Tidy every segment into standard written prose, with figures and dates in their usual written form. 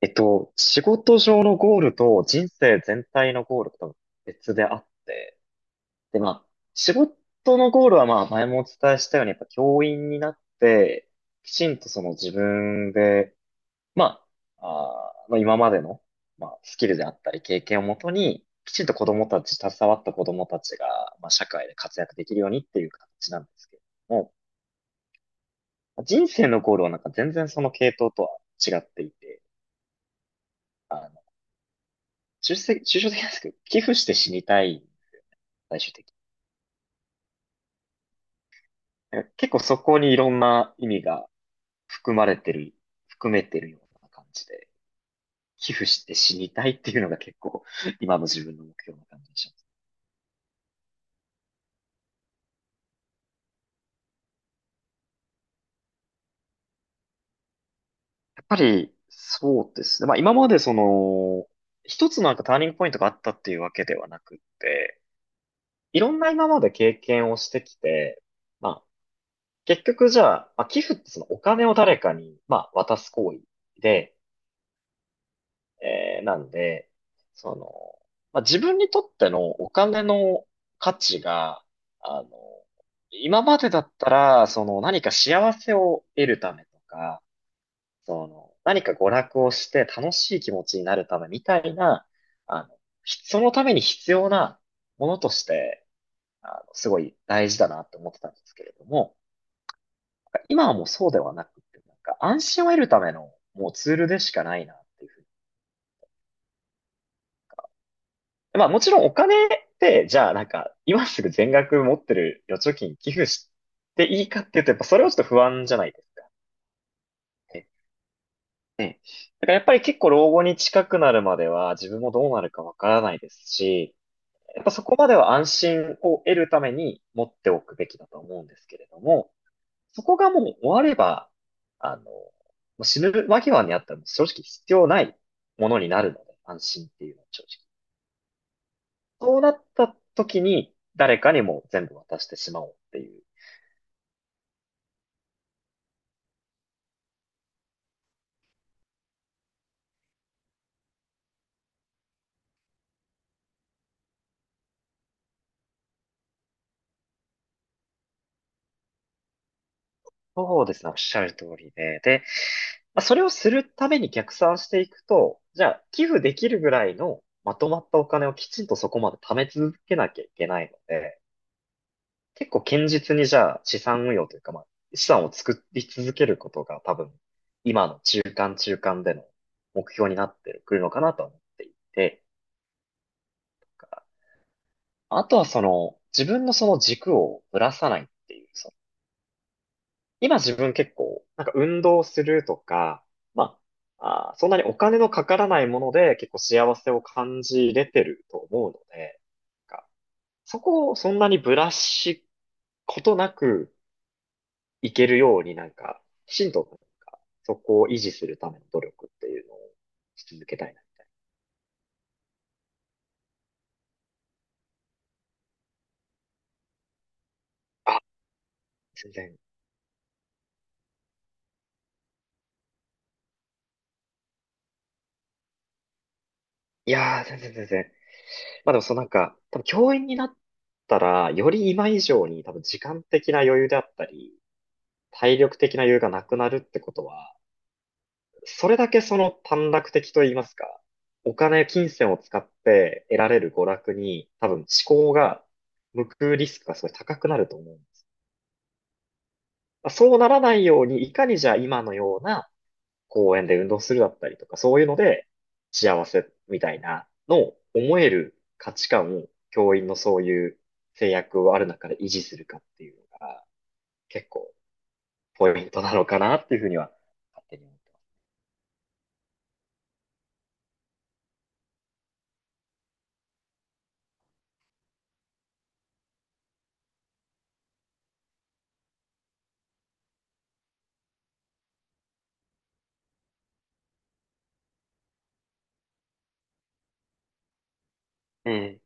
仕事上のゴールと人生全体のゴールと多分別であって、で、まあ、仕事のゴールは前もお伝えしたように、やっぱ教員になって、きちんとその自分で、まあ、今までの、スキルであったり経験をもとに、きちんと子供たち、携わった子供たちが、社会で活躍できるようにっていう形なんですけれども、人生のゴールはなんか全然その系統とは違っていて、抽象的なんですけど、寄付して死にたい、最終的に。なんか結構そこにいろんな意味が含まれてる、含めてるような感じで、寄付して死にたいっていうのが結構、今の自分の目標な感じでします。やっぱり、そうですね。今までその、一つのなんかターニングポイントがあったっていうわけではなくって、いろんな今まで経験をしてきて、まあ結局じゃあ、まあ、寄付ってそのお金を誰かに、まあ渡す行為で、なんで、その、自分にとってのお金の価値が、あの、今までだったら、その何か幸せを得るためとか、その何か娯楽をして楽しい気持ちになるためみたいな、あの、そのために必要なものとして、すごい大事だなって思ってたんですけれども、今はもうそうではなくて、なんか安心を得るためのもうツールでしかないなっていうふうに。まあもちろんお金って、じゃあなんか、今すぐ全額持ってる預貯金寄付していいかっていうと、やっぱそれはちょっと不安じゃないですか。ねね。だからやっぱり結構老後に近くなるまでは自分もどうなるかわからないですし、やっぱそこまでは安心を得るために持っておくべきだと思うんですけれども、そこがもう終われば、もう死ぬ間際にあったらもう正直必要ないものになるので、安心っていうのは正直。そうなった時に、誰かにもう全部渡してしまおうっていう。そうですね、おっしゃる通りで。で、まあ、それをするために逆算していくと、じゃあ、寄付できるぐらいのまとまったお金をきちんとそこまで貯め続けなきゃいけないので、結構堅実にじゃあ資産運用というか、まあ、資産を作り続けることが多分、今の中間での目標になってくるのかなと思っていて、あとはその、自分のその軸をぶらさないっていう、今自分結構、なんか運動するとか、まそんなにお金のかからないもので結構幸せを感じれてると思うので、なんかそこをそんなにブラシことなくいけるようになんか、きちんとなんかそこを維持するための努力っていうのをし続けたいなみたいな。あ、全然。いやー、全然。まあでもそのなんか、多分教員になったら、より今以上に多分時間的な余裕であったり、体力的な余裕がなくなるってことは、それだけその短絡的と言いますか、金銭を使って得られる娯楽に、多分思考が向くリスクがすごい高くなると思うんです。まあそうならないように、いかにじゃあ今のような公園で運動するだったりとか、そういうので幸せみたいなのを思える価値観を教員のそういう制約をある中で維持するかっていうのが結構ポイントなのかなっていうふうには勝手に思ってます。うん。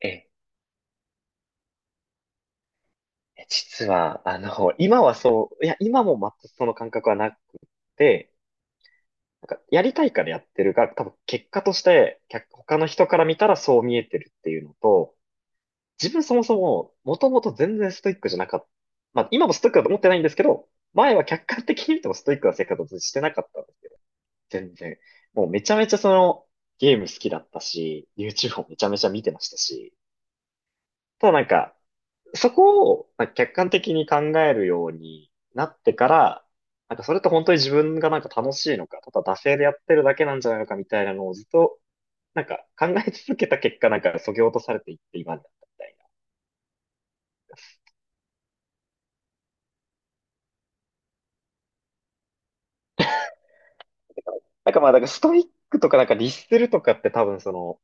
ええ、実は、今はそう、いや、今も全くその感覚はなくて、なんか、やりたいからやってるが、多分結果として、他の人から見たらそう見えてるっていうのと、自分そもそも、もともと全然ストイックじゃなかった。まあ、今もストイックだと思ってないんですけど、前は客観的に見てもストイックな生活をしてなかったんですけど、全然。もうめちゃめちゃその、ゲーム好きだったし、YouTube もめちゃめちゃ見てましたし、ただなんか、そこをなんか客観的に考えるようになってから、なんかそれって本当に自分がなんか楽しいのか、ただ惰性でやってるだけなんじゃないのかみたいなのをずっとなんか考え続けた結果なんか削ぎ落とされていって今になったみたいな。なんかまあなんからストイックとかなんか律するとかって多分その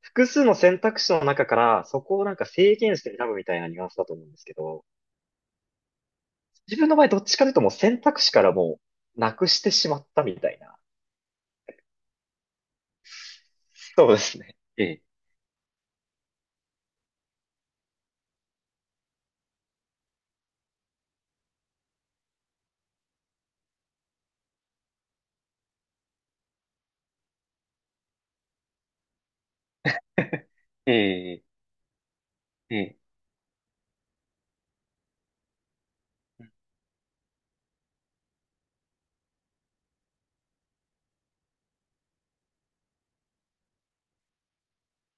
複数の選択肢の中からそこをなんか制限して選ぶみたいなニュアンスだと思うんですけど、自分の場合どっちかというともう選択肢からもうなくしてしまったみたいな。そうですね。ええ、ええ、ええ。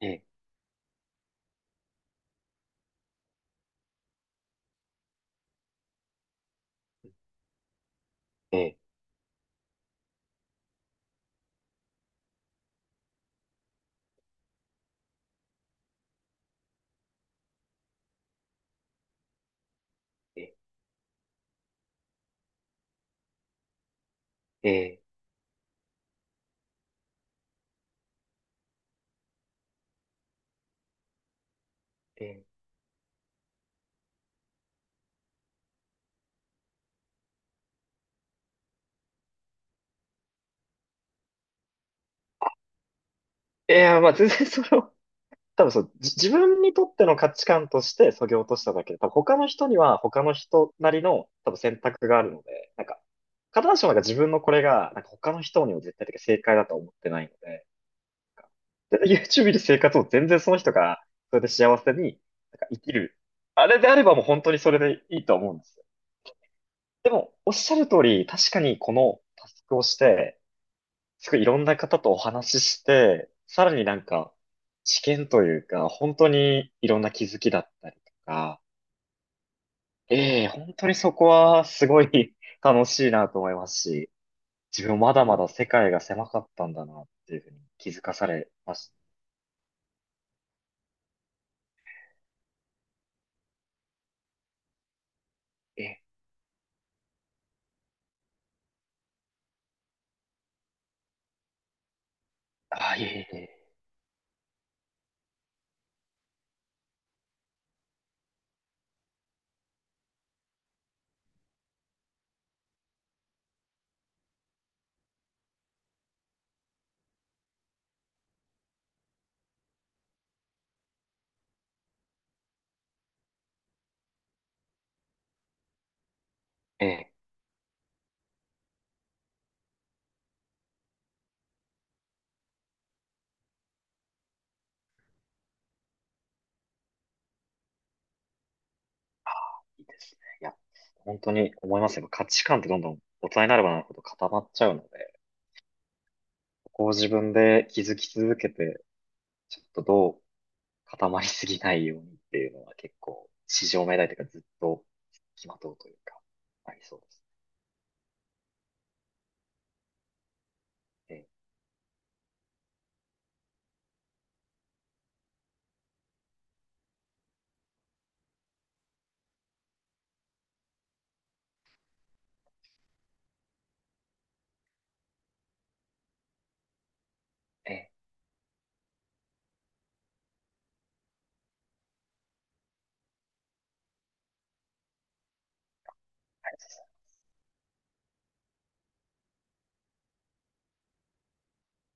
ええ、ええ、ええ、ええ。いや、まあ全然その、多分そう、自分にとっての価値観としてそぎ落としただけで、多分他の人には他の人なりの多分選択があるので、なんか、必ずしもなんか自分のこれが、なんか他の人にも絶対的に正解だとは思ってないので、なんかで YouTube で生活を全然その人が、それで幸せに、なんか生きる。あれであればもう本当にそれでいいと思うんですよ。おっしゃる通り、確かにこのタスクをして、すごいいろんな方とお話しして、さらになんか、知見というか、本当にいろんな気づきだったりとか、ええ、本当にそこはすごい 楽しいなと思いますし、自分まだまだ世界が狭かったんだなっていうふうに気づかされました。ええ、あ、いえいえ、ええ、いいですね。いや、本当に思いますよ。価値観ってどんどん大人になればなるほど固まっちゃうので、ここを自分で気づき続けて、ちょっとどう固まりすぎないようにっていうのは結構、市場命題というかずっと付きまとうというか、ありそうです。ええ、ええ、ありがとうございます。